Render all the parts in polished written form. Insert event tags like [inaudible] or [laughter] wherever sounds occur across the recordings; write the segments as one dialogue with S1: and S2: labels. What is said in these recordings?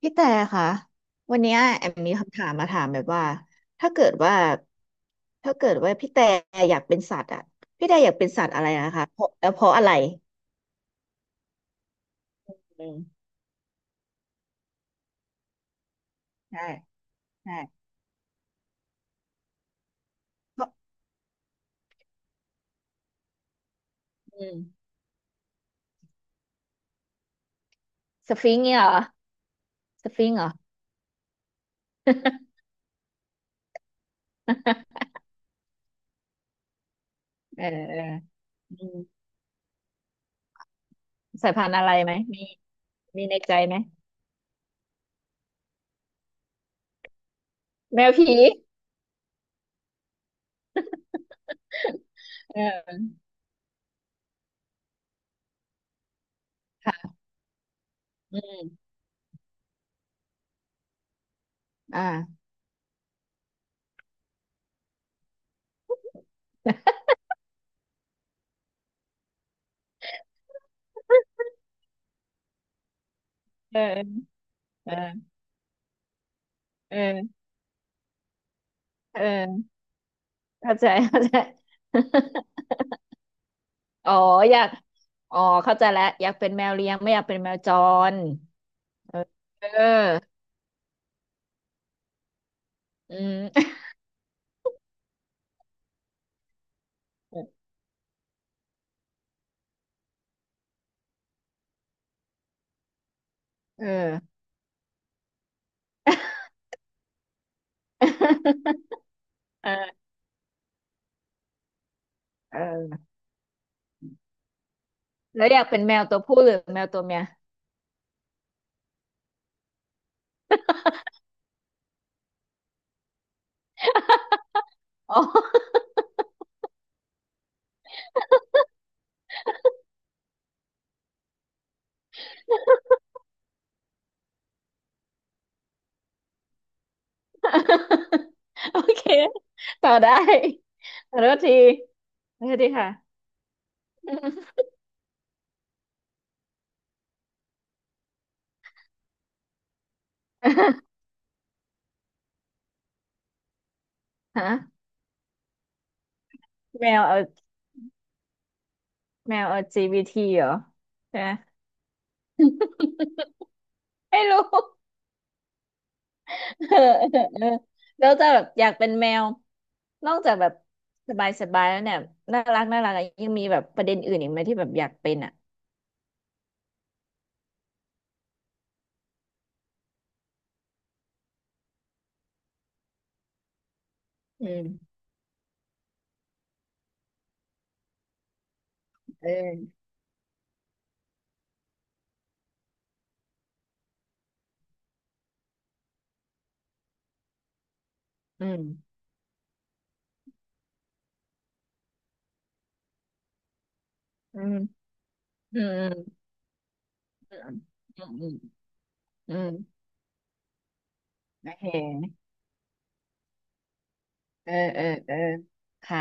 S1: พี่แต่ค่ะวันเนี้ยแอมมีคำถามมาถามแบบว่าถ้าเกิดว่าถ้าเกิดว่าพี่แต่อยากเป็นสัตว์อ่ะพี่แต่อยากเป็นสัตว์อะไรนะคะเพราะแล้วเพราะอะไรอืมใช่ใช่เพราะอืมสฟิงค์เนี่ยเหรอสฟิงค์เหรอ [laughs] เออเอออืมสายพันธุ์อะไรไหมมีมีในใจไหมแมวผีเออค่ะอืมอ่าเออเออเออเออเข้าใจเข้าใจ อ๋ออยากอ๋อเข้าใจแล้วอยากเป็นแมวเลี้ยงไม่อยากเป็นแมวจรเออเอออืม [laughs] เออ [laughs] เออเออแล้วอยากเป็นแมวตัวผู้หรือแมวตัวเมียอ๋อ [laughs] โอเคต่อได้ขอโทษทีขอโทษทีค่ะ [laughs] ฮะแมวเอาแมว LGBT เหรอใช่ไหมไม่รู้ เออเออเออแล้วจะแบบอยากเป็นแมวนอกจากแบบสบายสบายแล้วเนี่ยน่ารักน่ารักอะยังมีแบบประเด็นอื่นอีกไหมที่แบบอยากเป็นอ่ะอืมเอออืมอืมอืมอืมอืมอืมอืมโอเคเออเออเออค่ะ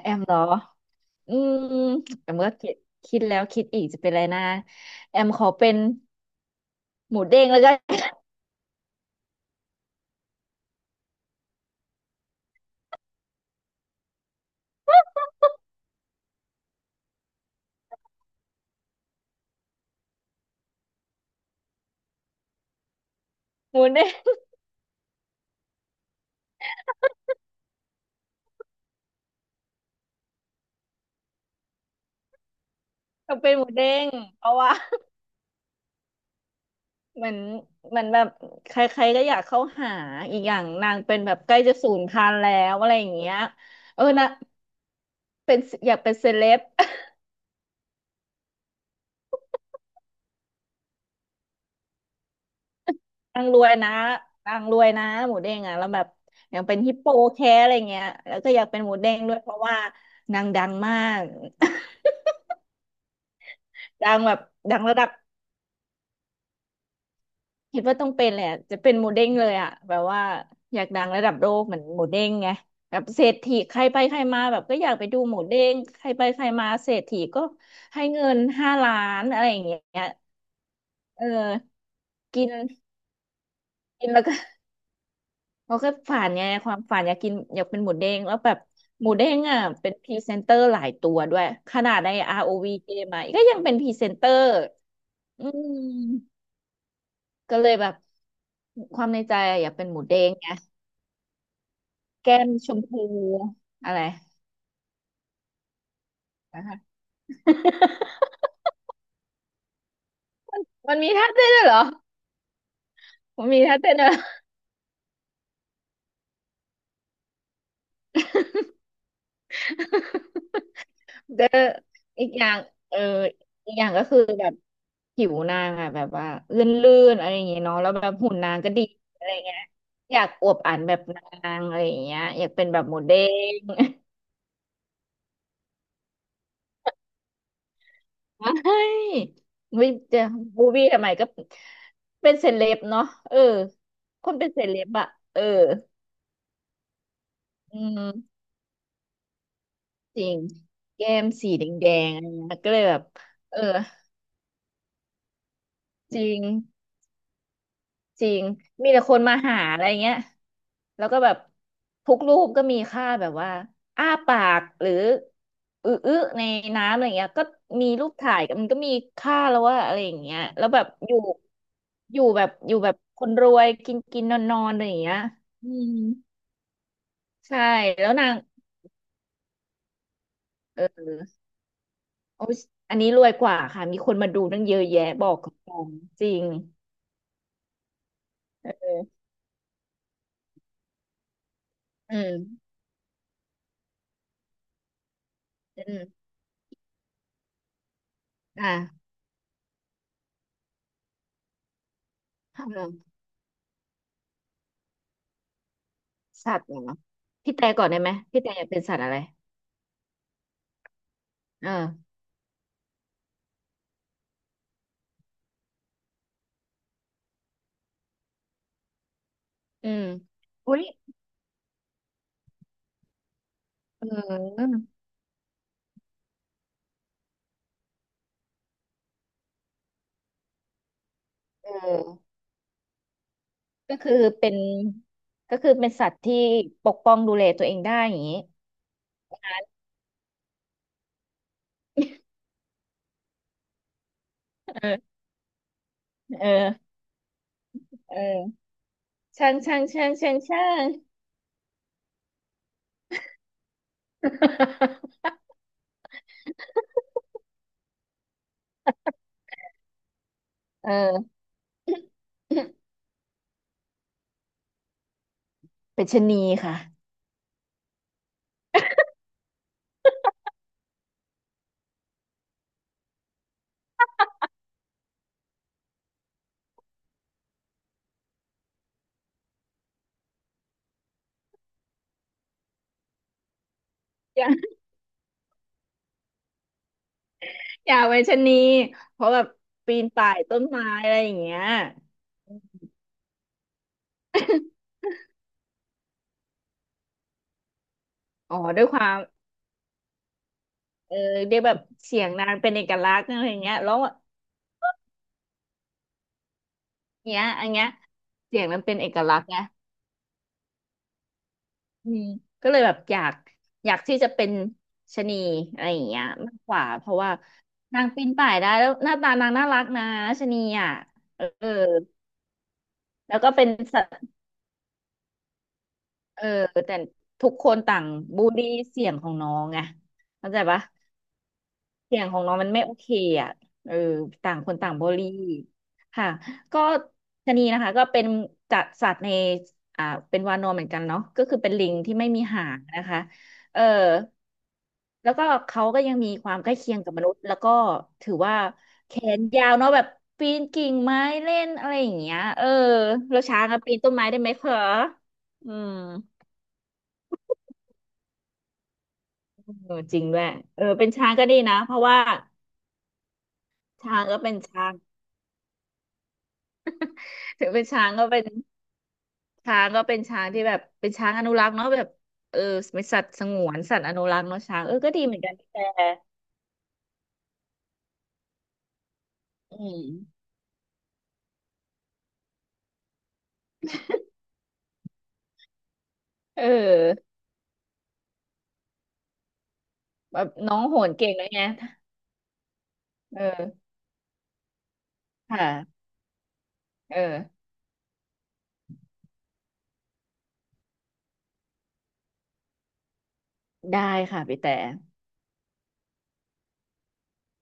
S1: แอมเหรออืมแอมก็คิดคิดแล้วคิดอีกจะเป็นอะไรนะแอมขอเป็นหมูเด้งแล้วกัน [laughs] หมูเด้งก็เป็นหมูเด้งเพราะว่า เหมือนเหมือนแบบใครๆก็อยากเข้าหาอีกอย่างนางเป็นแบบใกล้จะสูญพันธุ์แล้วอะไรอย่างเงี้ยเออนะเป็นอยากเป็นเซเลบ [laughs] นางรวยนะนางรวยนะหมูเด้งอ่ะแล้วแบบอยากเป็นฮิปโปแคร์อะไรเงี้ยแล้วก็อยากเป็นหมูเด้งด้วยเพราะว่านางดังมาก [laughs] ดังแบบดังระดับ คิดว่าต้องเป็นแหละจะเป็นหมูเด้งเลยอ่ะแบบว่าอยากดังระดับโลกเหมือนหมูเด้งไงแบบเศรษฐีใครไปใครมาแบบก็อยากไปดูหมูเด้งใครไปใครมาเศรษฐีก็ให้เงิน5 ล้านอะไรอย่างเงี้ยเออกินกินแล้วก็เขาก็ฝันไงความฝันอยากกินอยากเป็นหมูเด้งแล้วแบบหมูเด้งอ่ะเป็นพรีเซนเตอร์หลายตัวด้วยขนาดใน ROV เกมอ่ะก็ยังเป็นพรีเซนเตอร์อืมก็เลยแบบความในใจอะอยากเป็นหมูเด้งไง แก้มชมพูอะไร [laughs] นะคะ [laughs] มันมีท่าเต้นด้วยเหรอมันมีท่าเต้นด้วยเหรอ [laughs] เดออีกอย่างเอออีกอย่างก็คือแบบผิวนางอะแบบว่าลื่นๆอะไรอย่างเงี้ยเนาะแล้วแบบหุ่นนางก็ดีอะไรเงี้ยอยากอวบอันแบบนางอะไรอย่างเงี้ยอยากเป็นแบบโมเดลไม่ [laughs] ไม่จะบูบี้ทำไมก็เป็นเซเลบเนาะเออคนเป็นเซเลบอะเอออืม จริงแก้มสีแดงๆอะไรเงี้ยก็เลยแบบเออจริงจริงมีแต่คนมาหาอะไรเงี้ยแล้วก็แบบทุกรูปก็มีค่าแบบว่าอ้าปากหรืออืออในน้ำอะไรเงี้ยก็มีรูปถ่ายกันมันก็มีค่าแล้วว่าอะไรอย่างเงี้ยแล้วแบบอยู่อยู่แบบอยู่แบบคนรวยกินกินนอนนอนอะไรอย่างเงี้ยอืมใช่แล้วนางเออโอ้ยอันนี้รวยกว่าค่ะมีคนมาดูตั้งเยอะแยะบอกกับตรงจริง เอออืมอืมอ่าอืมสัตว์เหรอพี่แต่ก่อนได้ไหมพี่แต่อยากเป็นสัตว์อะไรเอออืมอุ้ยเออเออก็คือเป็นก็คือเป็นสัตว์ที่ปกป้องดูแลตัวเองได้อย่างนี้เออเออเออช่างช่างช่างช่างช่างเออเป็นชะนีค่ะอย่าอย่าเป็นชะนีเพราะแบบปีนป่ายต้นไม้อะไรอย่างเงี้ยอ๋อด้วยความ เออเรียกแบบเสียงนางเป็นเอกลักษณ์อะไรอย่างเงี้ยแล้วเนี้ยอันเนี้ยเสียงมันเป็นเอกลักษณ์นะอืมก็เลยแบบอยากอยากที่จะเป็นชะนีอะไรอย่างเงี้ยมากกว่าเพราะว่านางปีนป่ายได้แล้วหน้าตานางน่ารักนะชะนีอ่ะเออแล้วก็เป็นสัตว์เออแต่ทุกคนต่างบูลลี่เสียงของน้องไงเข้าใจปะ เสียงของน้องมันไม่โอเคอ่ะเออต่างคนต่างบริค่ะก็ชะนีนะคะก็เป็นจัดสัตว์ในอ่าเป็นวานอนเหมือนกันเนาะก็คือเป็นลิงที่ไม่มีหางนะคะเออแล้วก็เขาก็ยังมีความใกล้เคียงกับมนุษย์แล้วก็ถือว่าแขนยาวเนาะแบบปีนกิ่งไม้เล่นอะไรอย่างเงี้ยเออแล้วช้างอะปีนต้นไม้ได้ไหมคะอืมเออจริงด้วยเออเป็นช้างก็ดีนะเพราะว่าช้างก็เป็นช้างถึงเป็นช้างก็เป็น ช้างก็เป็นช้างที่แบบเป็นช้างอนุรักษ์เนาะแบบเออเป็นสัตว์สงวนสัตว์อนุรักษ์เนาะช้างเออก็ดีเหมือนกันพี่แต่อืมเออแบบน้องโหนเก่งด้วยไงเออค่ะเออได้ค่ะพี่แต่